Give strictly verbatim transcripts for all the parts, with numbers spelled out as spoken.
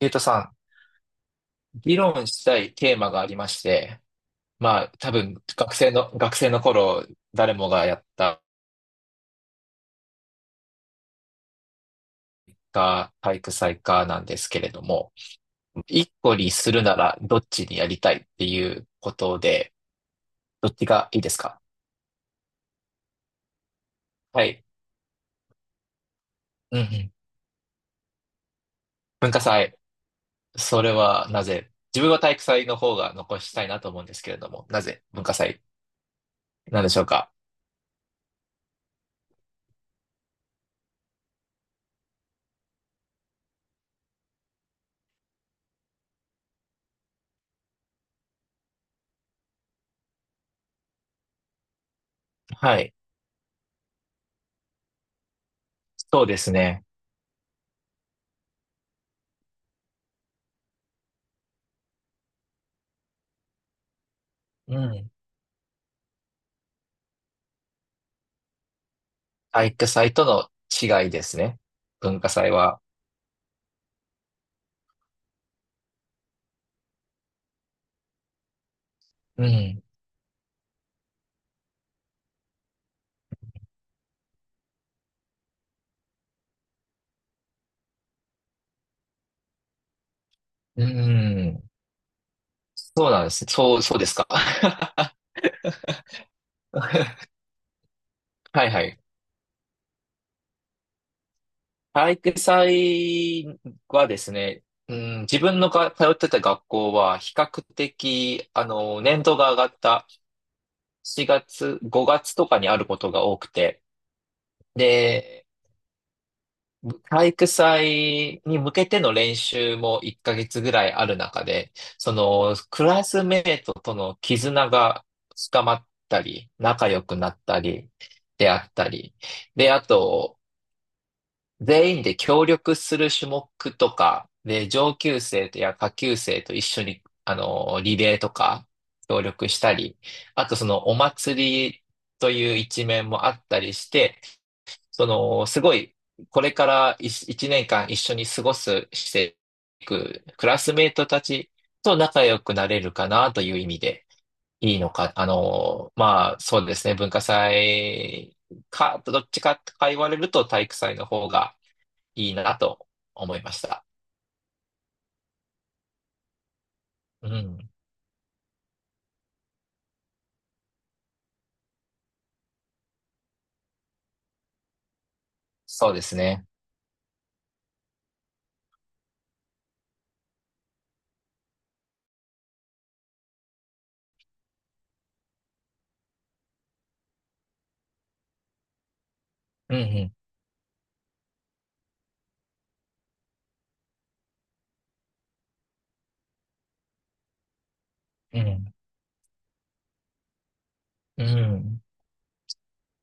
ゆうとさん、議論したいテーマがありまして、まあ多分学生の、学生の頃誰もがやったか体育祭かなんですけれども、一個にするならどっちにやりたいっていうことで、どっちがいいですか？はい。うんうん。文化祭、それはなぜ自分は体育祭の方が残したいなと思うんですけれども、なぜ文化祭なんでしょうか？はい。そうですね。うん。体育祭との違いですね。文化祭は。うん。うーん。そうなんですね。そう、そうですか。はいはい。体育祭はですね、うん、自分のが通ってた学校は比較的、あの、年度が上がったしがつ、ごがつとかにあることが多くて、で、体育祭に向けての練習もいっかげつぐらいある中で、そのクラスメートとの絆が深まったり、仲良くなったり、であったり、で、あと、全員で協力する種目とか、で、上級生とや下級生と一緒に、あの、リレーとか協力したり、あとそのお祭りという一面もあったりして、その、すごい、これからいちねんかん一緒に過ごす、していく、クラスメートたちと仲良くなれるかなという意味で、いいのか、あの、まあ、そうですね、文化祭か、どっちかとか言われると体育祭の方がいいなと思いました。うん、そうですね。うん、うん、うん、うん。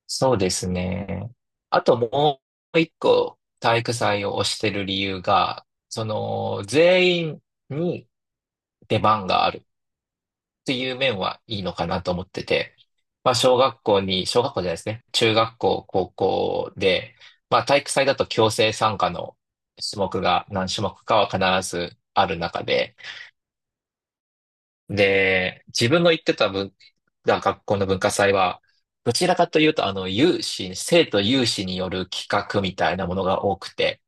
そうですね。あともう一個体育祭を推してる理由が、その全員に出番があるっていう面はいいのかなと思ってて、まあ小学校に、小学校じゃないですね。中学校、高校で、まあ体育祭だと強制参加の種目が何種目かは必ずある中で、で、自分の行ってた文、が学校の文化祭は、どちらかというと、あの、有志、生徒有志による企画みたいなものが多くて、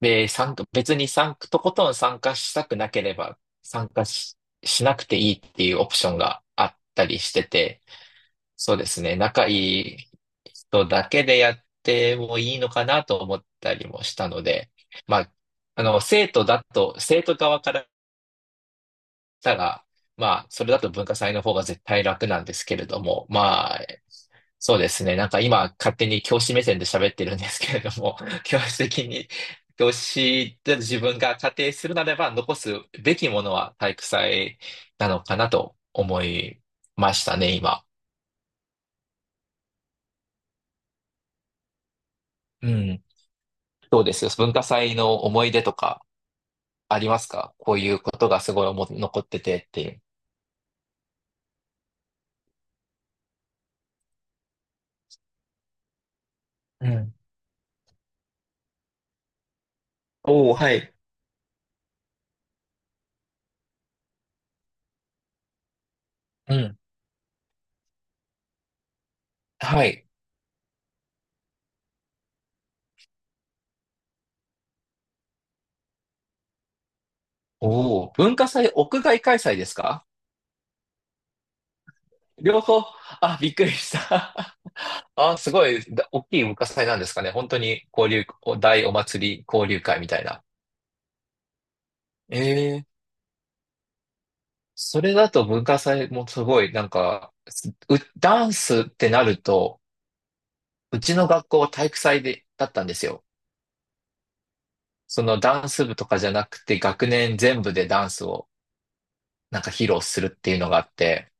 で、参加、別に参加、とことん参加したくなければ、参加し、しなくていいっていうオプションがあったりしてて、そうですね、仲いい人だけでやってもいいのかなと思ったりもしたので、まあ、あの、生徒だと、生徒側からたが、まあ、それだと文化祭の方が絶対楽なんですけれども、まあ、そうですね。なんか今、勝手に教師目線で喋ってるんですけれども、教師的に、教師で自分が仮定するならば、残すべきものは体育祭なのかなと思いましたね、今。うん。どうですよ。文化祭の思い出とかありますか？こういうことがすごい思残っててっていう。うん。おお、はい。うん。はい。おお、文化祭、屋外開催ですか？両方、あ、びっくりした。あ、すごい、だ大きい文化祭なんですかね。本当に交流、お大お祭り交流会みたいな。ええ、それだと文化祭もすごい、なんか、すう、ダンスってなると、うちの学校は体育祭で、だったんですよ。そのダンス部とかじゃなくて、学年全部でダンスをなんか披露するっていうのがあって、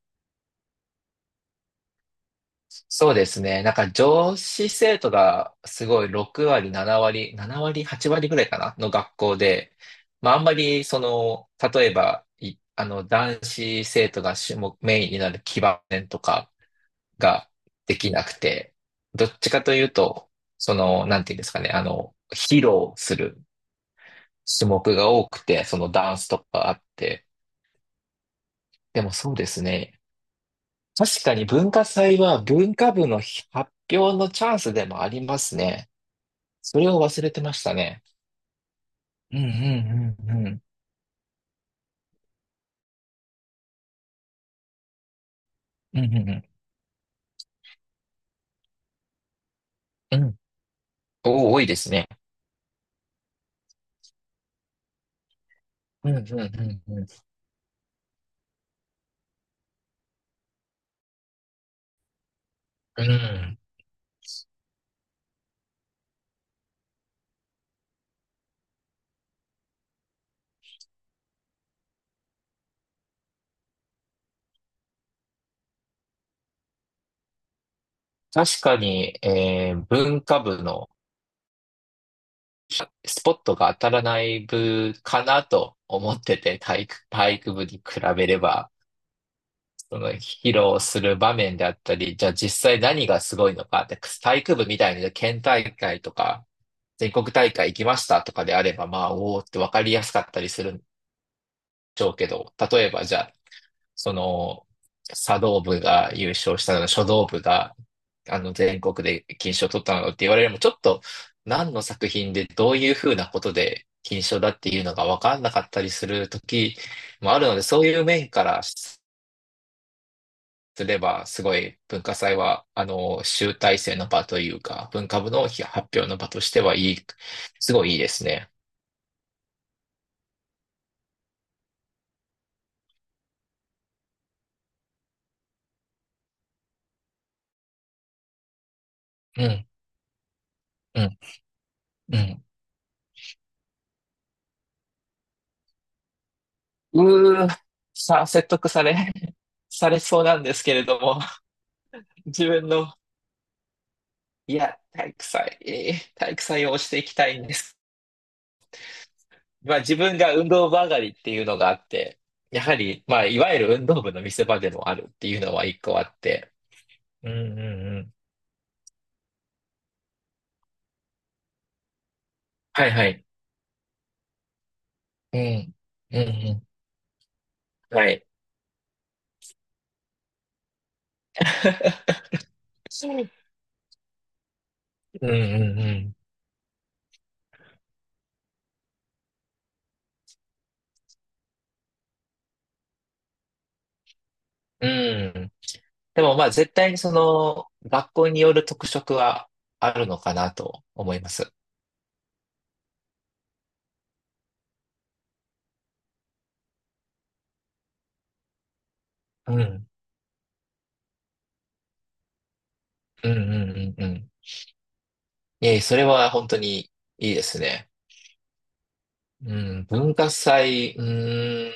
そうですね。なんか女子生徒がすごいろく割、なな割、なな割、はち割ぐらいかなの学校で、まああんまりその、例えば、いあの男子生徒が主目、メインになる基盤とかができなくて、どっちかというと、その、なんていうんですかね、あの、披露する種目が多くて、そのダンスとかあって、でもそうですね。確かに文化祭は文化部の発表のチャンスでもありますね。それを忘れてましたね。うんうんうんうん。うんうんうん。うん。お、多いですね。うんうんうんうん。うん、確かに、えー文化部のスポットが当たらない部かなと思ってて、体育、体育部に比べれば、その披露する場面であったり、じゃあ実際何がすごいのか、で体育部みたいに県大会とか、全国大会行きましたとかであれば、まあ、おおって分かりやすかったりするんでしょうけど、例えばじゃあ、その、茶道部が優勝したの、書道部が、あの、全国で金賞を取ったのって言われるのも、ちょっと、何の作品でどういうふうなことで金賞だっていうのが分かんなかったりする時もあるので、そういう面からすれば、すごい文化祭は、あの、集大成の場というか、文化部の発表の場としてはいい、すごいいいですね。うん、うん、うん。うー、さ、説得され、されそうなんですけれども。自分の、いや、体育祭、えー体育祭を推していきたいんです。まあ自分が運動部上がりっていうのがあって、やはり、まあいわゆる運動部の見せ場でもあるっていうのは一個あって。うんうんうん。はいはい。うん。うんうん。はい。うんうんうん。うん。でもまあ絶対にその学校による特色はあるのかなと思います。うん。うんうんうんうん。いえ、それは本当にいいですね。うん、文化祭、うーん、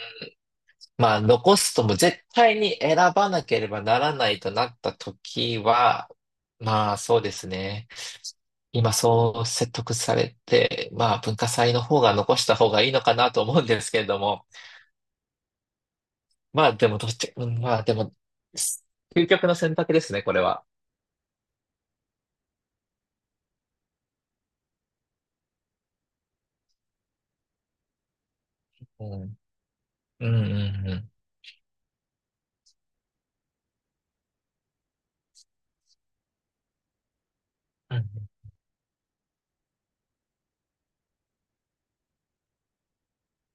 まあ残すとも絶対に選ばなければならないとなった時は、まあそうですね。今そう説得されて、まあ文化祭の方が残した方がいいのかなと思うんですけれども、まあでもどっち、うん、まあでも、究極の選択ですね、これは。うん、うん、うん、うん。うん